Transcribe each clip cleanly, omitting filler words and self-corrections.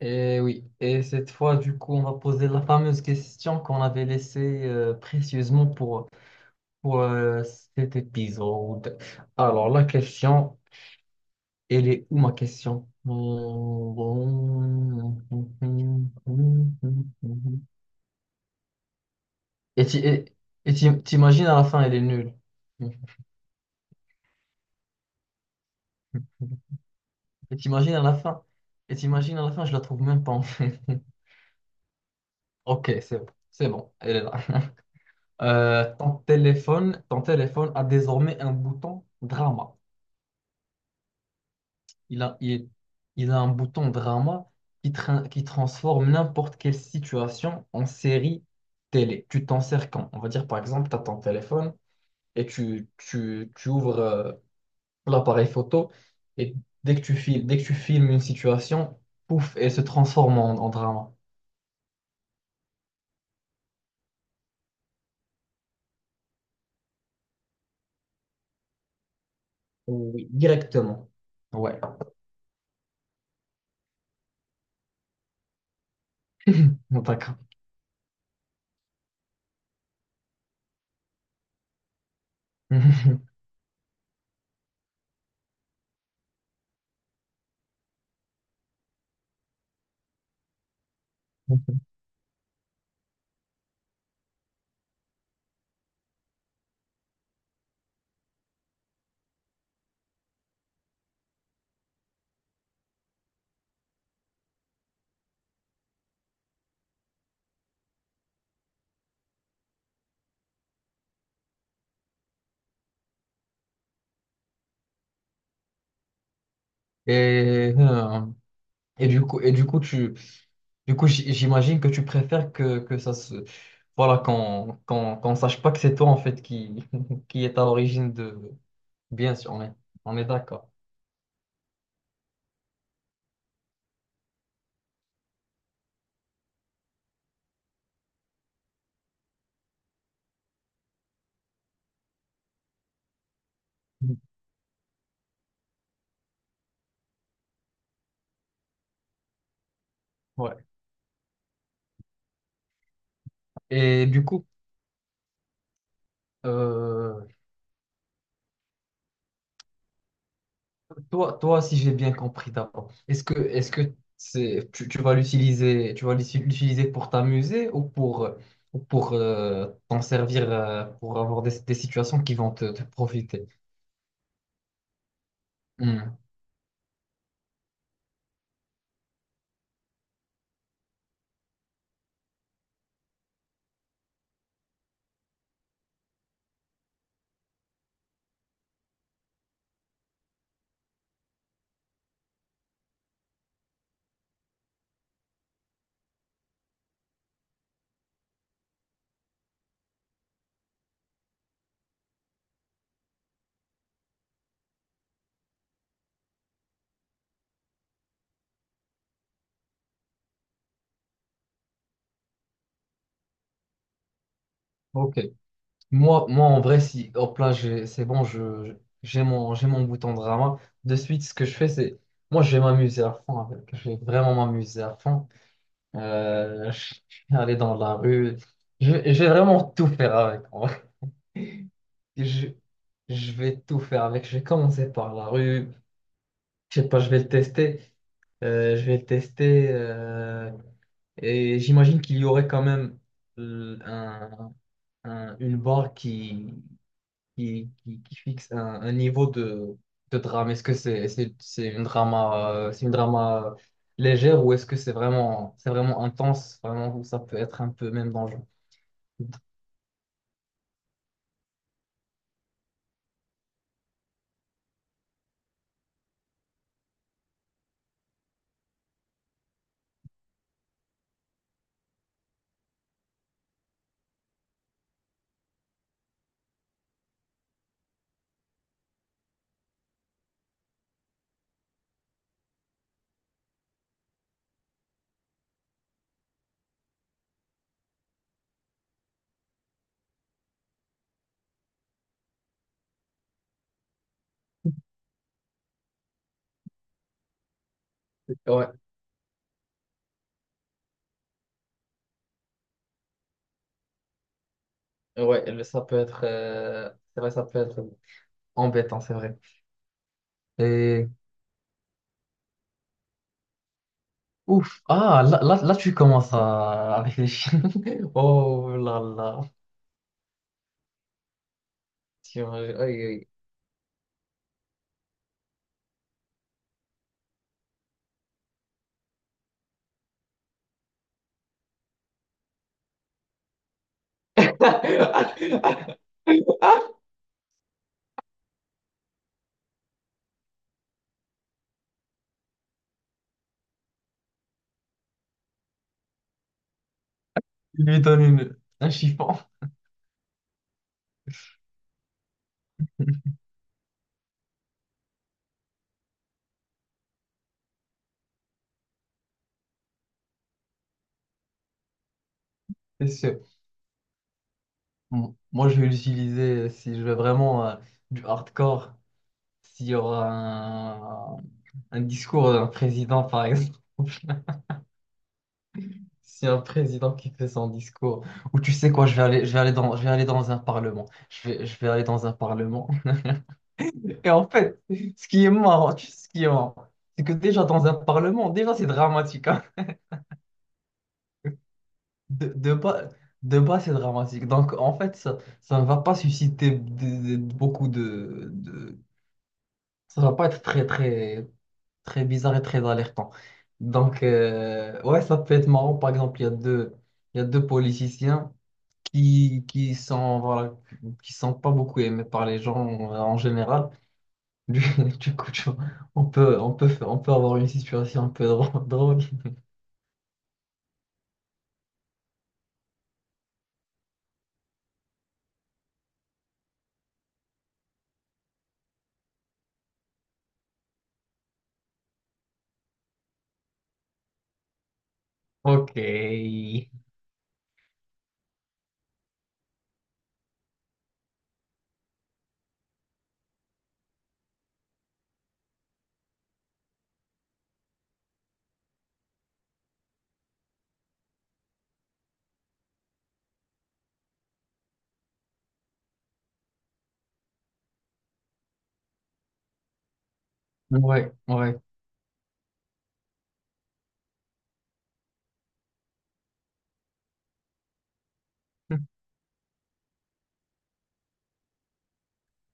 Et oui, et cette fois, du coup, on va poser la fameuse question qu'on avait laissée précieusement pour cet épisode. Alors, la question, elle est où ma question? Et tu- et- t'imagines à la fin, elle est nulle. Et t'imagines à la fin, je la trouve même pas en fait. Ok, c'est bon, elle est là. Ton téléphone a désormais un bouton drama. Il a, il, il a un bouton drama qui transforme n'importe quelle situation en série télé. Tu t'en sers quand? On va dire par exemple, tu as ton téléphone et tu ouvres l'appareil photo et dès que tu filmes une situation, pouf, elle se transforme en drama. Oui, directement. Ouais, d'accord. Et euh, et du coup, j'imagine que tu préfères que ça se, voilà, qu'on sache pas que c'est toi, en fait, qui, qui est à l'origine de, bien sûr, on est d'accord. Ouais. Et du coup, euh, toi, si j'ai bien compris d'abord, est-ce que tu vas l'utiliser, tu vas l'uti- l'utiliser pour t'amuser ou pour t'en servir pour avoir des situations qui vont te profiter? Hmm. Ok. Moi, en vrai, si hop là, c'est bon, j'ai mon bouton drama. De suite, ce que je fais, c'est. Moi, je vais m'amuser à fond avec. Je vais vraiment m'amuser à fond. Je vais aller dans la rue. Je vais vraiment tout faire avec, en vrai. Je, je vais tout faire avec. Je vais commencer par la rue. Je sais pas, je vais le tester. Je vais le tester. Et j'imagine qu'il y aurait quand même euh, un- une barre qui fixe un niveau de drame. Est-ce que c'est une drama légère ou est-ce que c'est vraiment intense, vraiment où ça peut être un peu même dangereux? Ouais, ouais, ça peut être, c'est vrai, ça peut être embêtant, c'est vrai. Et ouf, ah, là, là, là, tu commences à avec les chiens. Oh là là, Tu- m'as- aïe, aïe. Lui donne un chiffon, c'est sûr. Moi, je vais l'utiliser si je veux vraiment du hardcore, s'il y aura un discours d'un président, par exemple. Si un président qui fait son discours, ou tu sais quoi, je vais aller dans un parlement. Je vais aller dans un parlement. Et en fait, ce qui est marrant, tu sais ce qui est marrant, c'est que déjà dans un parlement, déjà c'est dramatique, hein. De, de bas, de bas, c'est dramatique. Donc en fait, ça ne va pas susciter beaucoup de, ça va pas être très très très bizarre et très alertant. Donc, ouais, ça peut être marrant. Par exemple, il y a deux politiciens qui sont, voilà, qui sont pas beaucoup aimés par les gens en général. Du, du coup, tu vois, on peut avoir une situation un peu drô- drôle. Ok. Ouais, ouais,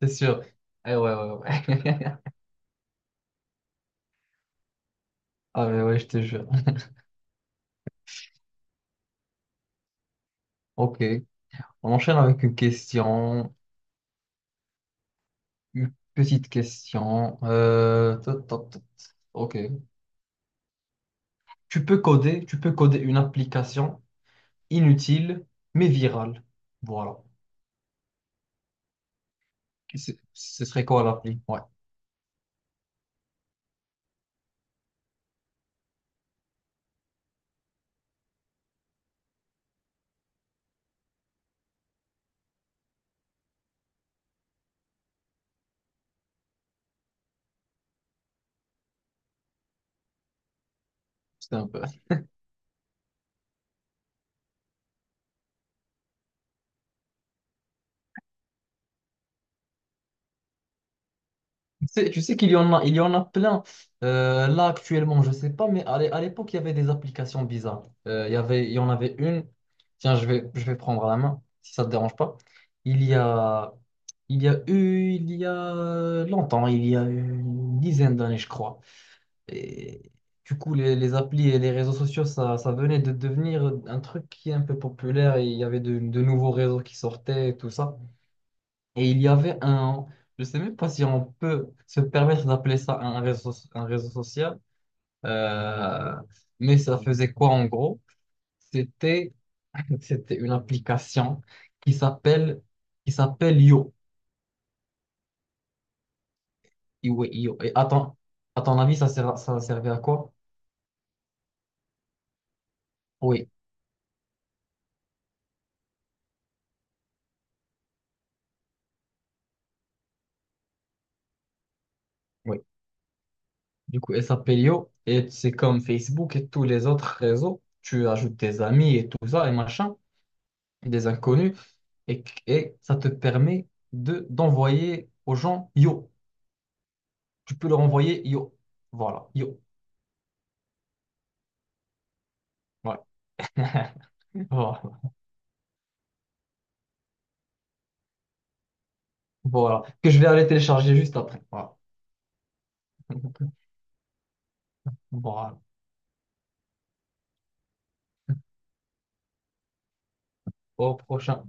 c'est sûr. Eh ouais, ouais, ouais. Ah, mais ouais, je te jure. Ok. On enchaîne avec une question, une petite question. Tot, tot, tot. Ok. Tu peux coder une application inutile, mais virale. Voilà. Ce serait quoi l'appli? Ouais, c'est un peu. Tu sais qu'il y en a plein. Là, actuellement, je sais pas, mais à l'époque, il y avait des applications bizarres. Il y en avait une. Tiens, je vais prendre la main, si ça te dérange pas. Il y a, il y a longtemps, il y a eu une dizaine d'années, je crois. Et du coup, les applis et les réseaux sociaux, ça venait de devenir un truc qui est un peu populaire et il y avait de nouveaux réseaux qui sortaient et tout ça. Et il y avait un, je sais même pas si on peut se permettre d'appeler ça un réseau social, euh, mais ça faisait quoi en gros? C'était, c'était une application qui s'appelle, qui s'appelle Yo. Et, oui, Yo. Et à ton avis, ça servait à quoi? Oui. Oui. Du coup, elle s'appelle Yo et c'est comme Facebook et tous les autres réseaux. Tu ajoutes tes amis et tout ça et machin, des inconnus et ça te permet de d'envoyer aux gens Yo. Tu peux leur envoyer Yo. Voilà, Yo. Ouais. Voilà. Voilà. Que je vais aller télécharger juste après. Voilà. Voilà. Au prochain.